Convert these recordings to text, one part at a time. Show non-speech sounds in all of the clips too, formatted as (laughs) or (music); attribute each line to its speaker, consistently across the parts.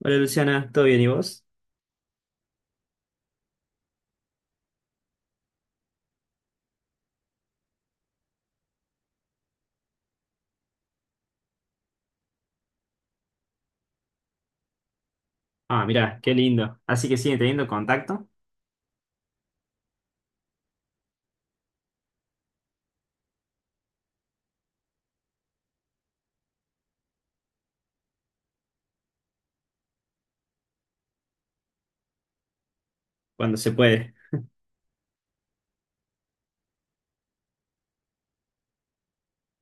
Speaker 1: Hola Luciana, ¿todo bien y vos? Ah, mirá, qué lindo. Así que siguen teniendo contacto cuando se puede.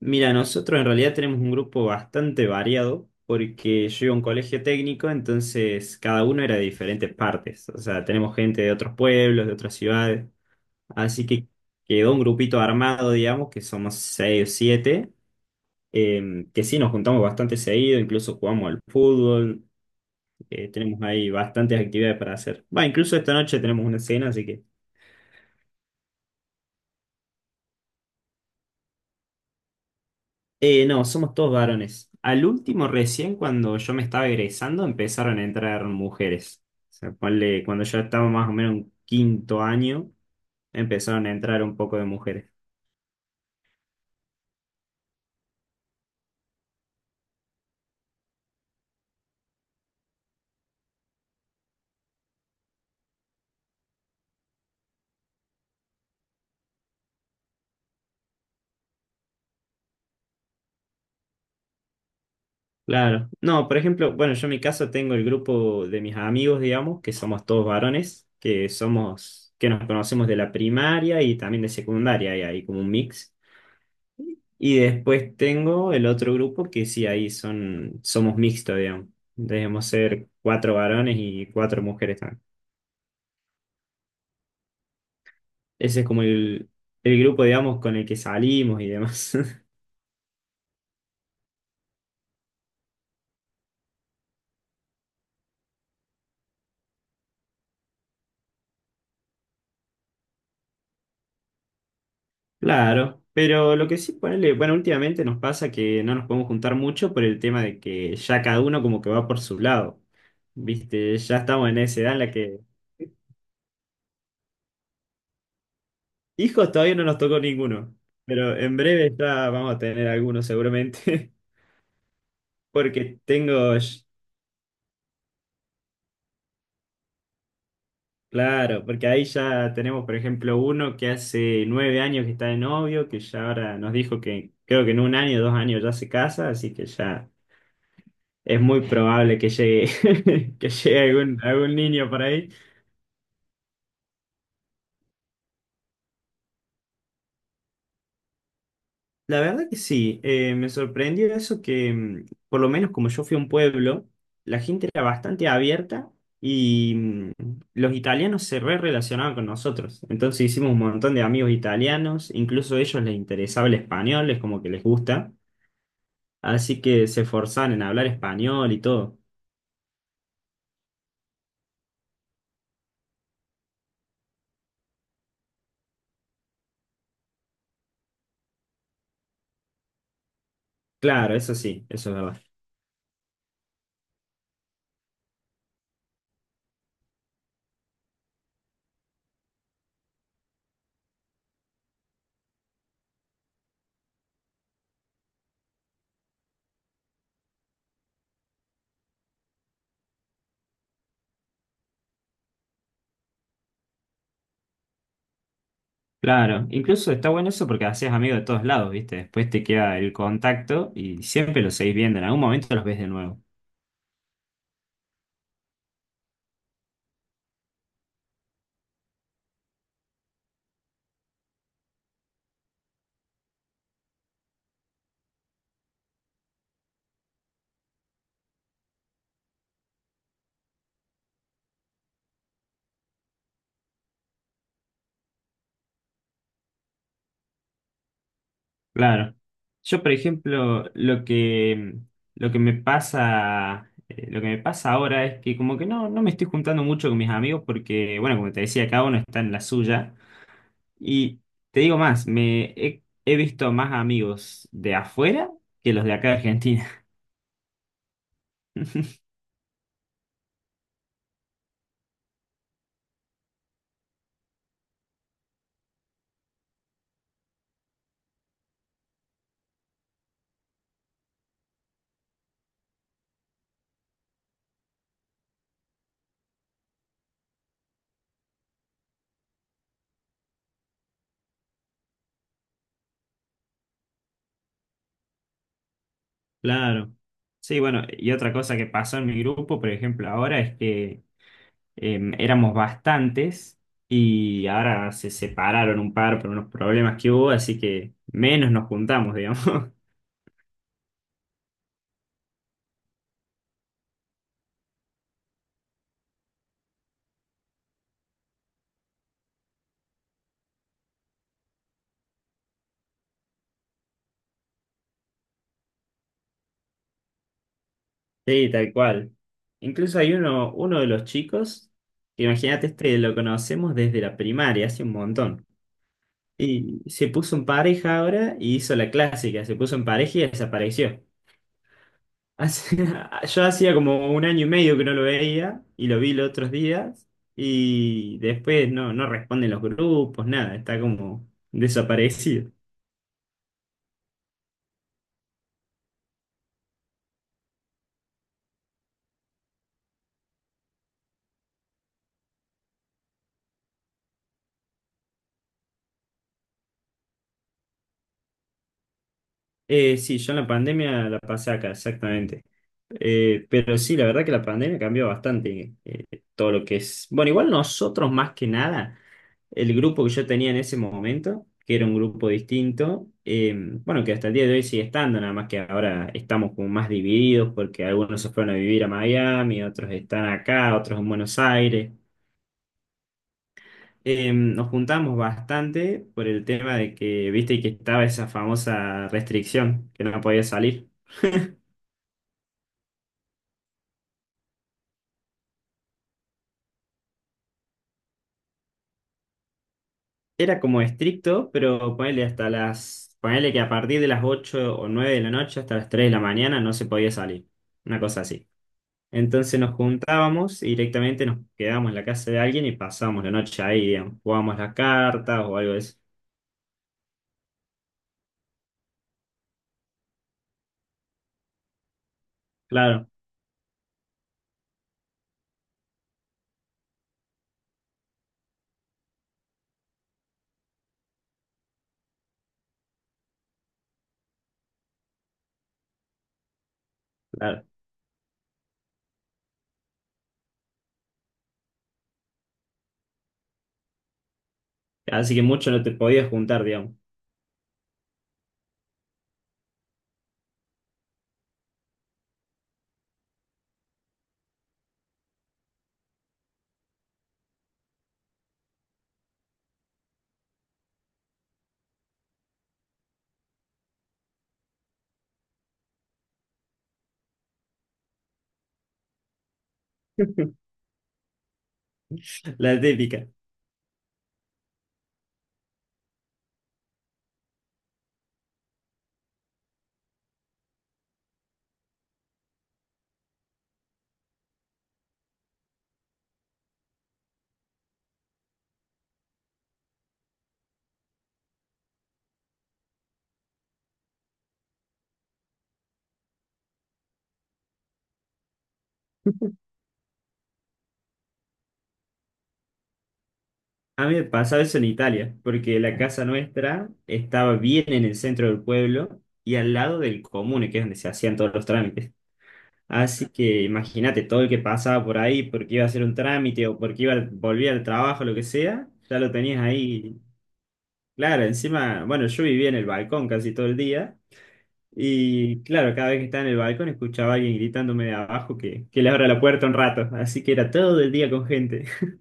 Speaker 1: Mira, nosotros en realidad tenemos un grupo bastante variado porque yo iba a un colegio técnico, entonces cada uno era de diferentes partes. O sea, tenemos gente de otros pueblos, de otras ciudades. Así que quedó un grupito armado, digamos, que somos seis o siete, que sí nos juntamos bastante seguido, incluso jugamos al fútbol, tenemos ahí bastantes actividades para hacer. Va, incluso esta noche tenemos una cena, así que... No, somos todos varones. Al último, recién cuando yo me estaba egresando, empezaron a entrar mujeres. O sea, cuando yo estaba más o menos en quinto año, empezaron a entrar un poco de mujeres. Claro. No, por ejemplo, bueno, yo en mi caso tengo el grupo de mis amigos, digamos, que somos todos varones, que nos conocemos de la primaria y también de secundaria, y hay como un mix. Y después tengo el otro grupo que sí, somos mixtos, digamos. Debemos ser cuatro varones y cuatro mujeres también. Ese es como el grupo, digamos, con el que salimos y demás. (laughs) Claro, pero lo que sí, ponele, bueno, últimamente nos pasa que no nos podemos juntar mucho por el tema de que ya cada uno como que va por su lado. Viste, ya estamos en esa edad en la que hijos todavía no nos tocó ninguno, pero en breve ya vamos a tener algunos seguramente, (laughs) porque tengo. Claro, porque ahí ya tenemos, por ejemplo, uno que hace 9 años que está de novio, que ya ahora nos dijo que creo que en 1 año, 2 años ya se casa, así que ya es muy probable que llegue, (laughs) que llegue algún niño por ahí. La verdad que sí, me sorprendió eso que, por lo menos como yo fui a un pueblo, la gente era bastante abierta y los italianos se re relacionaban con nosotros. Entonces hicimos un montón de amigos italianos, incluso a ellos les interesaba el español, es como que les gusta. Así que se esforzaban en hablar español y todo. Claro, eso sí, eso es verdad. Claro, incluso está bueno eso porque haces amigos de todos lados, ¿viste? Después te queda el contacto y siempre los seguís viendo, en algún momento los ves de nuevo. Claro. Yo, por ejemplo, lo que me pasa ahora es que como que no, no me estoy juntando mucho con mis amigos porque, bueno, como te decía, cada uno está en la suya. Y te digo más, me he visto más amigos de afuera que los de acá de Argentina. (laughs) Claro. Sí, bueno, y otra cosa que pasó en mi grupo, por ejemplo, ahora es que éramos bastantes y ahora se separaron un par por unos problemas que hubo, así que menos nos juntamos, digamos. (laughs) Sí, tal cual. Incluso hay uno, de los chicos, imagínate, este lo conocemos desde la primaria, hace un montón. Y se puso en pareja ahora y hizo la clásica, se puso en pareja y desapareció. Hace- (laughs) yo hacía como 1 año y medio que no lo veía y lo vi los otros días y después no, no responden los grupos, nada, está como desaparecido. Sí, yo en la pandemia la pasé acá, exactamente. Pero sí, la verdad que la pandemia cambió bastante todo lo que es. Bueno, igual nosotros más que nada, el grupo que yo tenía en ese momento, que era un grupo distinto, bueno, que hasta el día de hoy sigue estando, nada más que ahora estamos como más divididos porque algunos se fueron a vivir a Miami, otros están acá, otros en Buenos Aires. Nos juntamos bastante por el tema de que, viste, que estaba esa famosa restricción, que no podía salir. Era como estricto, pero ponele hasta las, ponele que a partir de las 8 o 9 de la noche hasta las 3 de la mañana no se podía salir, una cosa así. Entonces nos juntábamos y directamente nos quedábamos en la casa de alguien y pasábamos la noche ahí, digamos, jugábamos las cartas o algo de eso. Claro, claro. Así que mucho no te podías juntar, digamos. (laughs) La típica. A mí me pasaba eso en Italia, porque la casa nuestra estaba bien en el centro del pueblo y al lado del comune, que es donde se hacían todos los trámites. Así que imagínate todo el que pasaba por ahí porque iba a hacer un trámite o porque volvía al trabajo, lo que sea, ya lo tenías ahí. Claro, encima, bueno, yo vivía en el balcón casi todo el día y claro, cada vez que estaba en el balcón escuchaba a alguien gritándome de abajo que le abra la puerta un rato, así que era todo el día con gente. (laughs)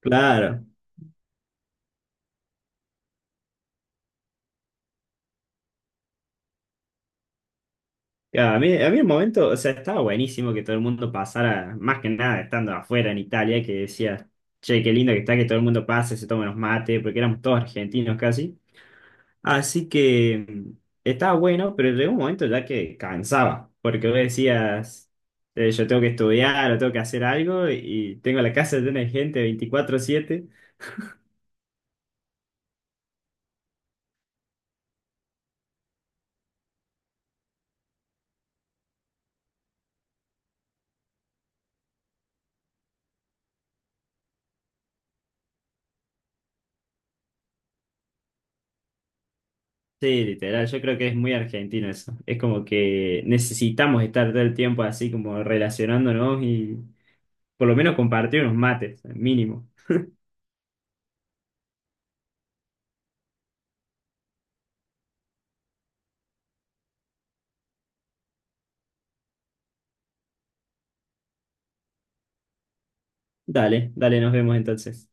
Speaker 1: Claro. Claro. A mí el momento, o sea, estaba buenísimo que todo el mundo pasara, más que nada estando afuera en Italia, que decía, che, qué lindo que está que todo el mundo pase, se toma unos mates, porque éramos todos argentinos casi. Así que estaba bueno, pero llegó un momento ya que cansaba, porque vos decías, yo tengo que estudiar o tengo que hacer algo y tengo la casa llena de gente 24/7. Sí, literal, yo creo que es muy argentino eso. Es como que necesitamos estar todo el tiempo así como relacionándonos y por lo menos compartir unos mates, mínimo. Dale, dale, nos vemos entonces.